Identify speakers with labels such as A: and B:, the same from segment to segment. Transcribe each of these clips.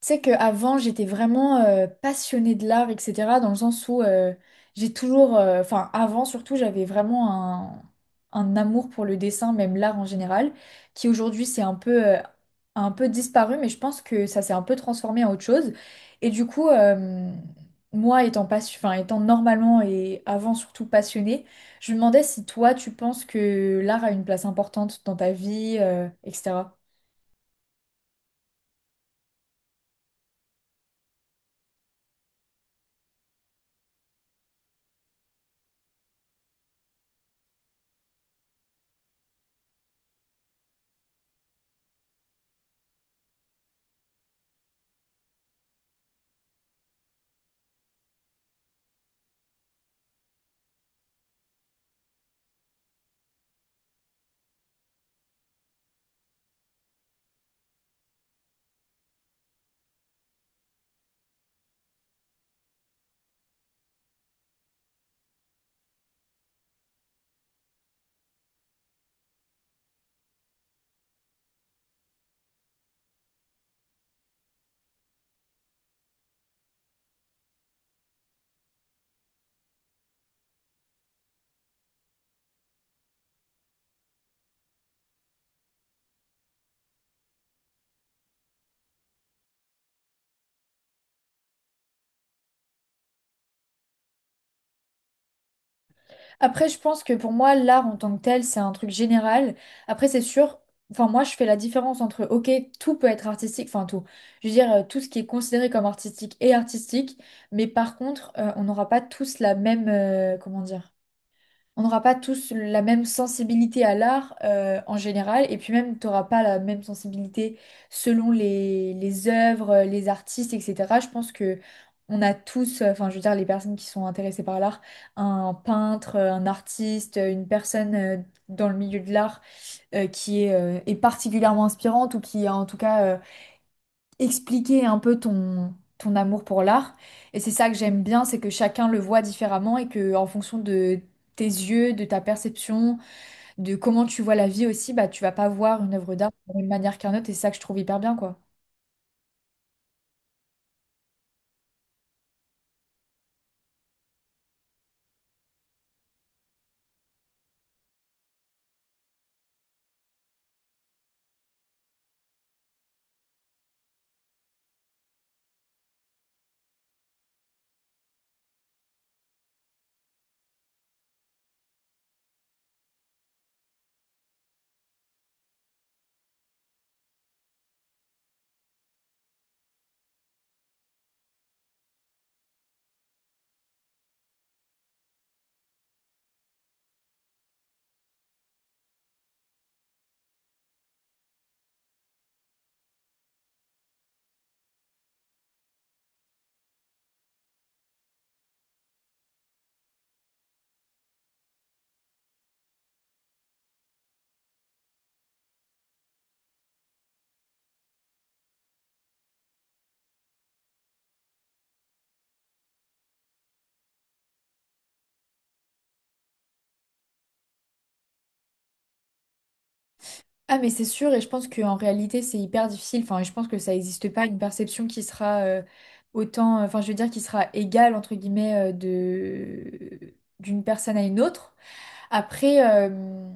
A: Tu sais qu'avant, j'étais vraiment passionnée de l'art, etc. Dans le sens où j'ai toujours, enfin avant surtout, j'avais vraiment un amour pour le dessin, même l'art en général, qui aujourd'hui c'est un peu disparu, mais je pense que ça s'est un peu transformé en autre chose. Et du coup, moi étant, enfin, étant normalement et avant surtout passionnée, je me demandais si toi tu penses que l'art a une place importante dans ta vie, etc. Après, je pense que pour moi, l'art en tant que tel, c'est un truc général. Après, c'est sûr, enfin, moi, je fais la différence entre, ok, tout peut être artistique, enfin, tout. Je veux dire, tout ce qui est considéré comme artistique est artistique, mais par contre, on n'aura pas tous la même, comment dire? On n'aura pas tous la même sensibilité à l'art en général, et puis même, tu n'auras pas la même sensibilité selon les œuvres, les artistes, etc. Je pense que on a tous, enfin, je veux dire, les personnes qui sont intéressées par l'art, un peintre, un artiste, une personne dans le milieu de l'art qui est, est particulièrement inspirante ou qui, en tout cas, expliquer un peu ton amour pour l'art. Et c'est ça que j'aime bien, c'est que chacun le voit différemment et que en fonction de tes yeux, de ta perception, de comment tu vois la vie aussi, bah tu vas pas voir une œuvre d'art de la même manière qu'un autre et c'est ça que je trouve hyper bien quoi. Ah mais c'est sûr et je pense qu'en réalité c'est hyper difficile, enfin je pense que ça n'existe pas une perception qui sera autant, enfin je veux dire qui sera égale entre guillemets de d'une personne à une autre. Après, euh,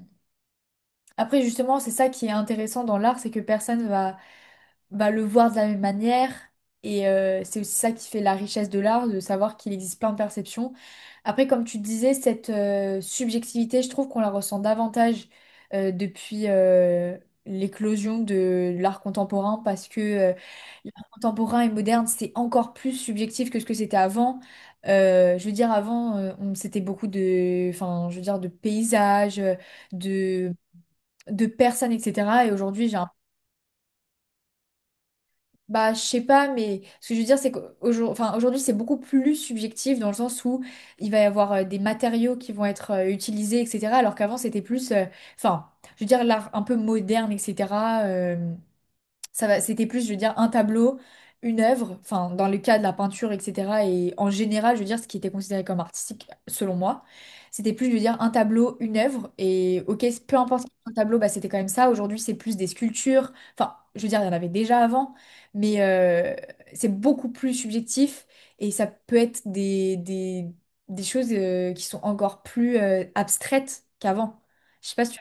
A: Après, justement, c'est ça qui est intéressant dans l'art, c'est que personne va le voir de la même manière. Et c'est aussi ça qui fait la richesse de l'art, de savoir qu'il existe plein de perceptions. Après, comme tu disais, cette subjectivité, je trouve qu'on la ressent davantage depuis l'éclosion de l'art contemporain, parce que l'art contemporain et moderne, c'est encore plus subjectif que ce que c'était avant. Je veux dire, avant, c'était beaucoup de, enfin, je veux dire, de paysages de de personnes, etc. Et aujourd'hui, j'ai un... Bah, je sais pas, mais ce que je veux dire, c'est qu'aujourd'hui, enfin, aujourd'hui, c'est beaucoup plus subjectif dans le sens où il va y avoir des matériaux qui vont être utilisés, etc. Alors qu'avant, c'était plus... Enfin, je veux dire, l'art un peu moderne, etc. euh, ça va, c'était plus, je veux dire, un tableau, une œuvre, enfin, dans le cas de la peinture, etc. Et en général, je veux dire, ce qui était considéré comme artistique, selon moi, c'était plus, je veux dire, un tableau, une œuvre. Et ok, peu importe un tableau, bah, c'était quand même ça. Aujourd'hui, c'est plus des sculptures. Enfin, je veux dire, il y en avait déjà avant, mais c'est beaucoup plus subjectif et ça peut être des choses qui sont encore plus abstraites qu'avant. Je sais pas si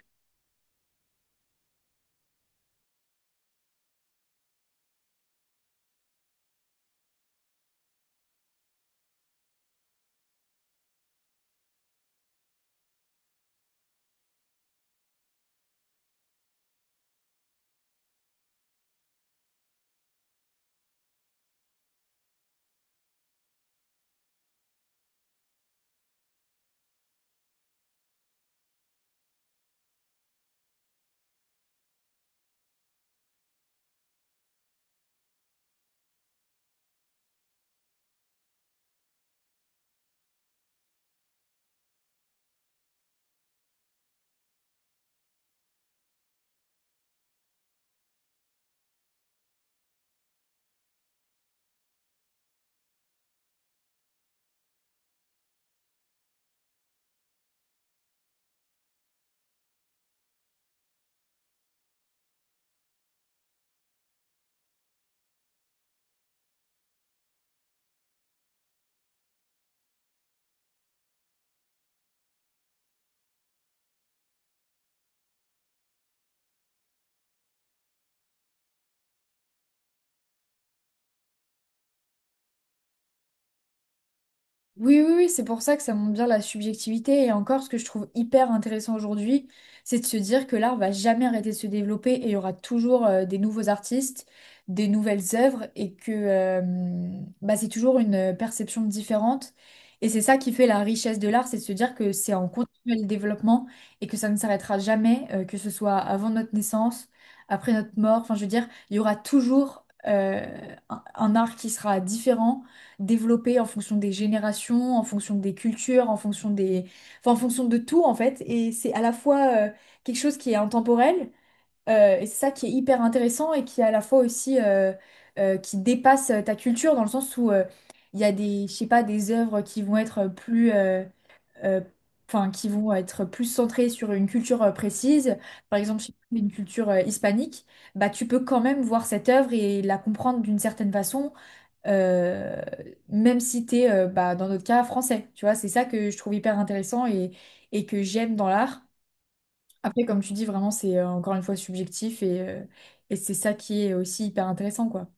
A: Oui, oui, oui, c'est pour ça que ça montre bien la subjectivité. Et encore, ce que je trouve hyper intéressant aujourd'hui, c'est de se dire que l'art va jamais arrêter de se développer et il y aura toujours des nouveaux artistes, des nouvelles œuvres et que bah, c'est toujours une perception différente. Et c'est ça qui fait la richesse de l'art, c'est de se dire que c'est en continuel développement et que ça ne s'arrêtera jamais, que ce soit avant notre naissance, après notre mort. Enfin, je veux dire, il y aura toujours un art qui sera différent développé en fonction des générations, en fonction des cultures, en fonction des... enfin, en fonction de tout en fait. Et c'est à la fois quelque chose qui est intemporel, et c'est ça qui est hyper intéressant et qui est à la fois aussi qui dépasse ta culture dans le sens où il y a des, je sais pas, des œuvres qui vont être plus... euh, Enfin, qui vont être plus centrées sur une culture précise, par exemple, si tu pas, une culture hispanique, bah, tu peux quand même voir cette œuvre et la comprendre d'une certaine façon, euh, même si tu es, bah, dans notre cas, français. Tu vois, c'est ça que je trouve hyper intéressant et que j'aime dans l'art. Après, comme tu dis, vraiment, c'est encore une fois subjectif et et c'est ça qui est aussi hyper intéressant, quoi.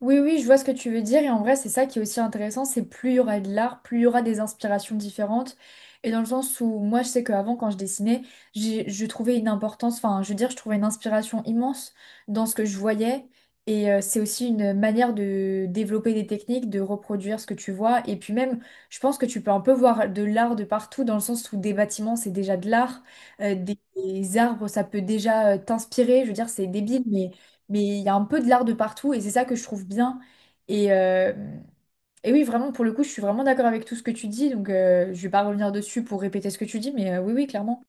A: Oui, oui, je vois ce que tu veux dire. Et en vrai, c'est ça qui est aussi intéressant, c'est plus il y aura de l'art, plus il y aura des inspirations différentes. Et dans le sens où moi, je sais qu'avant, quand je dessinais, je trouvais une importance, enfin, je veux dire, je trouvais une inspiration immense dans ce que je voyais. Et c'est aussi une manière de développer des techniques, de reproduire ce que tu vois. Et puis même, je pense que tu peux un peu voir de l'art de partout, dans le sens où des bâtiments, c'est déjà de l'art. Des arbres, ça peut déjà t'inspirer. Je veux dire, c'est débile, mais il y a un peu de l'art de partout et c'est ça que je trouve bien. Et, euh, et oui, vraiment, pour le coup, je suis vraiment d'accord avec tout ce que tu dis, donc je vais pas revenir dessus pour répéter ce que tu dis, mais oui, oui, clairement.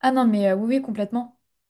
A: Ah non, mais oui, oui, complètement.